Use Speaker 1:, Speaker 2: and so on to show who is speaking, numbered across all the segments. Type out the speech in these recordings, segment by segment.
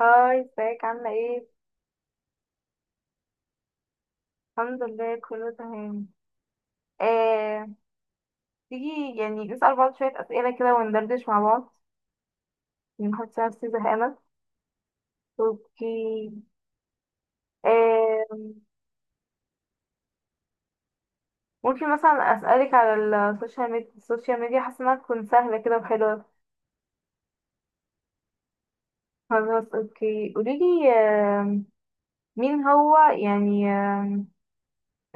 Speaker 1: هاي ازيك عاملة ايه؟ الحمد لله كله تمام. آه، تيجي يعني نسأل بعض شوية أسئلة كده وندردش مع بعض. نحط نفسي زهقانة. اوكي. آه، ممكن مثلا أسألك على السوشيال ميديا، حاسة انها تكون سهلة كده وحلوة. خلاص اوكي قوليلي، مين هو يعني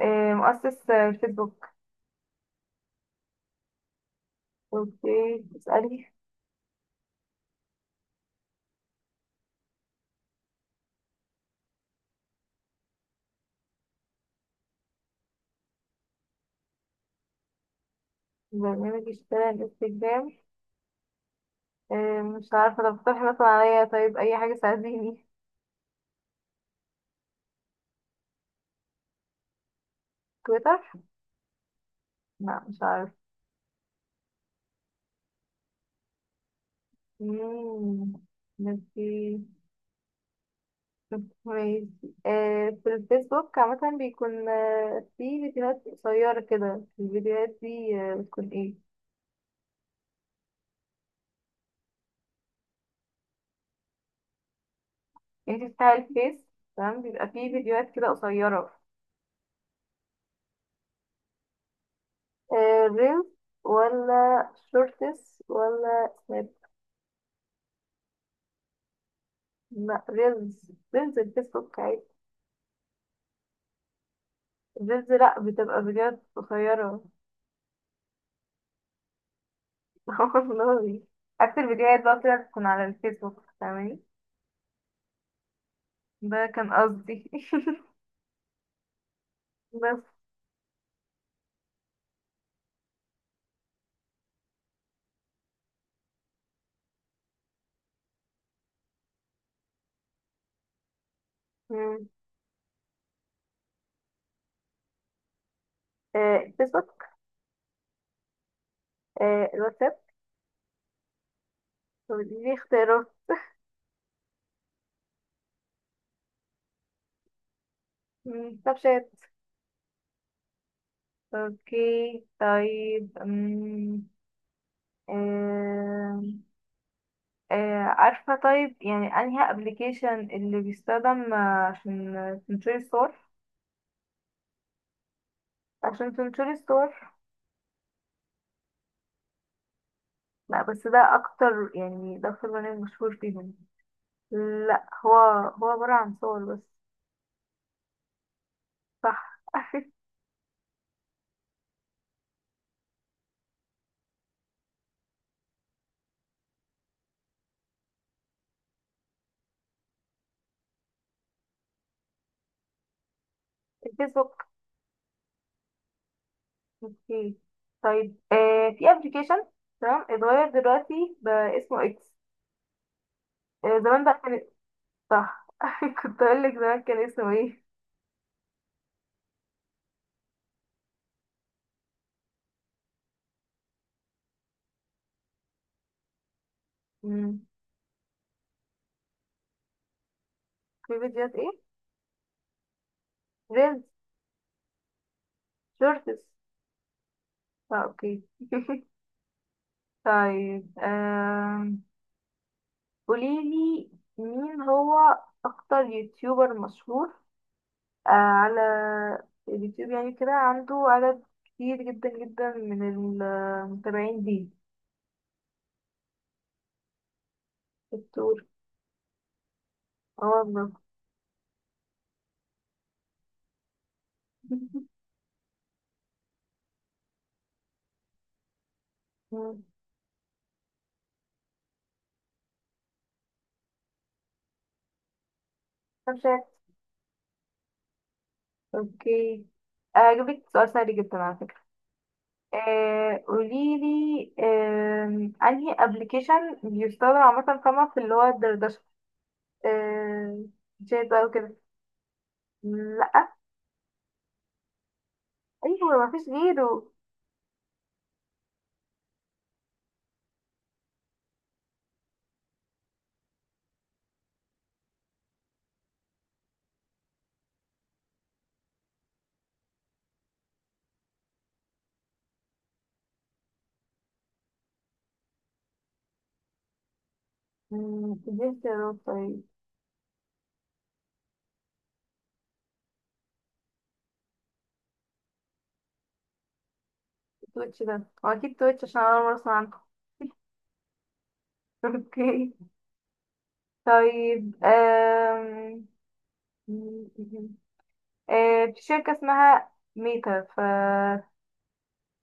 Speaker 1: مؤسس فيسبوك؟ اوكي اسألي. برنامج اشترى الانستجرام. إيه، مش عارفة، طب اقترحي مثلا عليا، طيب أي حاجة تساعديني. تويتر؟ لا مش عارفة. مم، ماشي ماشي. إيه، في الفيسبوك عامة بيكون في فيديوهات قصيرة كده. الفيديوهات دي بتكون ايه؟ انتي بتاع الفيس. تمام بيبقى في فيديوهات كده قصيرة. إيه، ريلز ولا شورتس ولا سناب؟ لا ريلز الفيسبوك عادي. ريلز لا بتبقى فيديوهات قصيرة. والله. عكس الفيديوهات بقى طلعت تكون على الفيسبوك، فاهماني؟ ده كان قصدي. بس. مم. الفيسبوك. الواتساب. دي اختيارات. سناب شات. اوكي طيب. آه، عارفة طيب يعني انهي ابلكيشن اللي بيستخدم عشان تنشري الصور؟ عشان تنشري الصور لا بس ده اكتر برنامج مشهور فيهم. لا هو، هو عبارة عن صور بس. صح. الفيسبوك. اوكي طيب. في ابلكيشن، تمام، اتغير دلوقتي بقى اسمه اكس. زمان بقى كان. صح. كنت اقول لك زمان كان اسمه ايه. مم. في فيديوهات ايه؟ ريلز. شورتس. اه اوكي. طيب، قوليلي، مين هو اكتر يوتيوبر مشهور على اليوتيوب، يعني كده عنده عدد كتير جدا جدا من المتابعين؟ دي. اه والله. مم. طب شايف. اوكي اجيب لك سؤال سهل جدا على فكرة. قولي لي، انهي ابلكيشن بيستخدم عامة فما في اللي هو الدردشة، آه شات بقى وكده؟ لا. ايوه مفيش غيره. دي اختيارات طيب. تويتش ده. هو اكيد تويتش عشان انا أول مرة اسمع عنه. اوكي طيب، في شركة اسمها ميتا، ف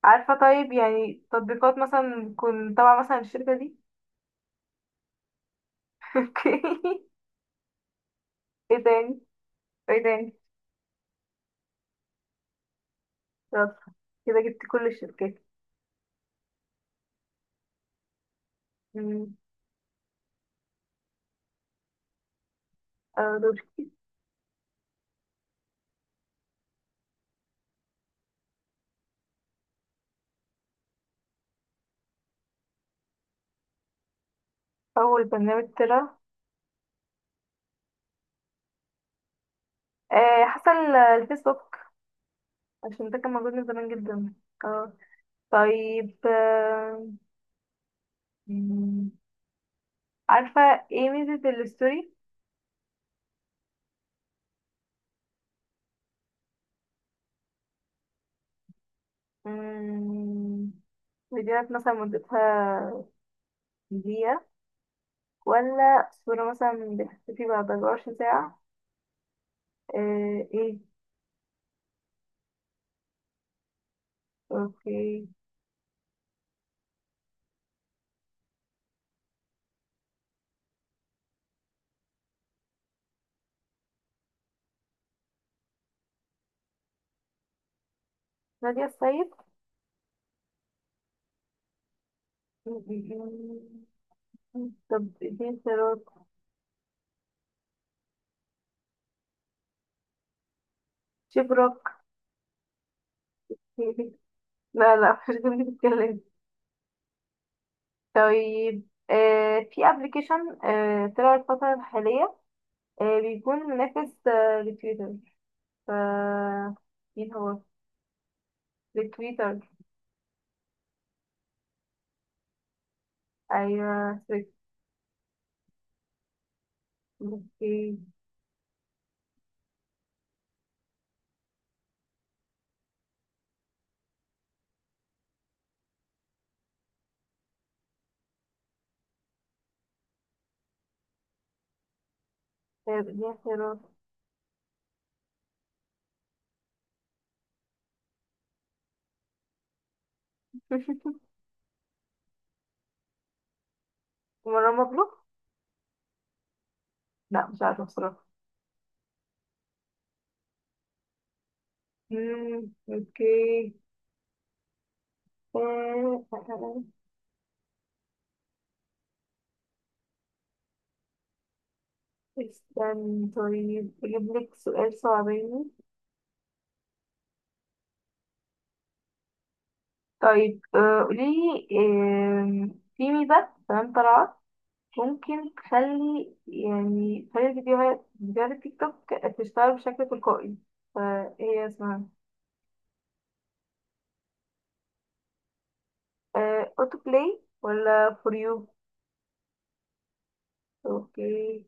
Speaker 1: عارفة طيب يعني تطبيقات مثلا تكون تبع مثلا الشركة دي؟ اوكي. ايه تاني؟ ايه تاني؟ شاطرة، كده جبت كل الشركات. مم. دوري. أول برنامج طلع. حصل الفيسبوك عشان ده كان موجود من زمان جدا. اه. طيب مم. عارفة ايه ميزة الستوري؟ مم، فيديوهات مثلا مدتها دقيقة، ولا صورة مثلا بتختفي بعد 24 ساعة؟ ايه. اوكي. نادية السيد. طب دي اختيارات. شبرك. لا لا، مش دي اللي بتتكلم. طيب في ابلكيشن طلع الفترة الحالية، بيكون منافس لتويتر، ف مين هو؟ لتويتر. ايوه سويت. اوكي طيب دي اختيارات. مروان مبلوك. لا مش عارفة بصراحة. اوكي. استنى، طيب أجيب لك سؤال صعباني. طيب قوليلي، في ميزة تمام طلعت، ممكن تخلي فيديوهات التيك توك تشتغل بشكل تلقائي، فهي اسمها أوتو بلاي ولا فور يو؟ اوكي.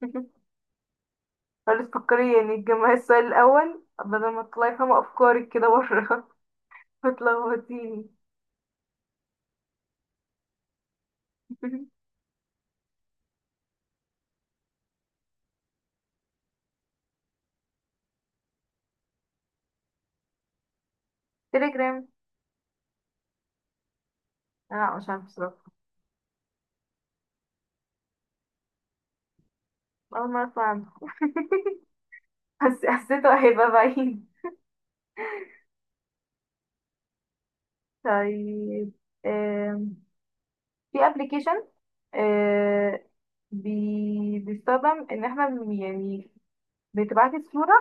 Speaker 1: خلاص فكري يعني تجمعي السؤال الأول، بدل ما تطلعي فاهمة أفكارك كده بره. بتلخبطيني. تليجرام. لا مش عارفة بصراحة، أول مرة أسمع عنه. حسيته هيبقى بعيد. طيب، آم، في ابلكيشن بيستخدم ان احنا بتبعتي الصورة،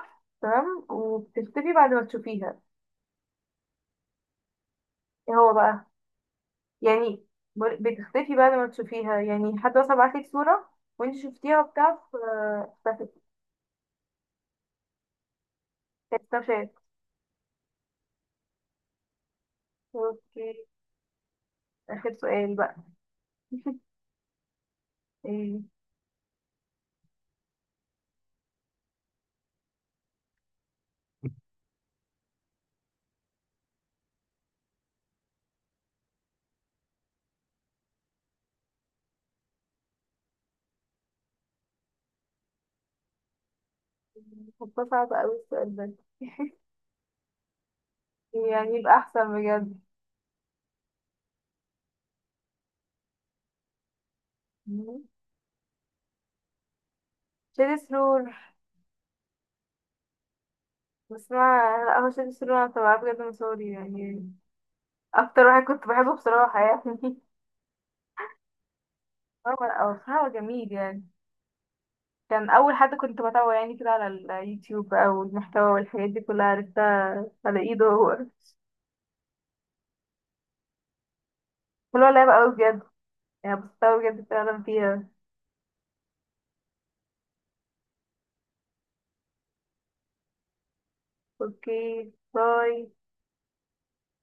Speaker 1: تمام، وبتختفي بعد ما تشوفيها. ايه هو بقى؟ يعني بتختفي بعد ما تشوفيها، يعني حد مثلا بعتلك صورة وانت شفتيها وبتاع اختفت. كانت سناب شات. اوكي. اخر سؤال بقى. ايه. هو صعب اوي السؤال ده، يعني يبقى احسن بجد. شيل سرور. بس انا، لا هو شادي سلوم، انا بتابعه بجد من صغري يعني، اكتر واحد كنت بحبه بصراحة يعني. هو بصراحة، هو جميل يعني. كان اول حد كنت بتابعه يعني كده على اليوتيوب بقى، والمحتوى والحاجات دي كلها عرفتها على ايده هو. هو لعب قوي بجد، يعني بستمتع بجد فعلا فيها. اوكي باي.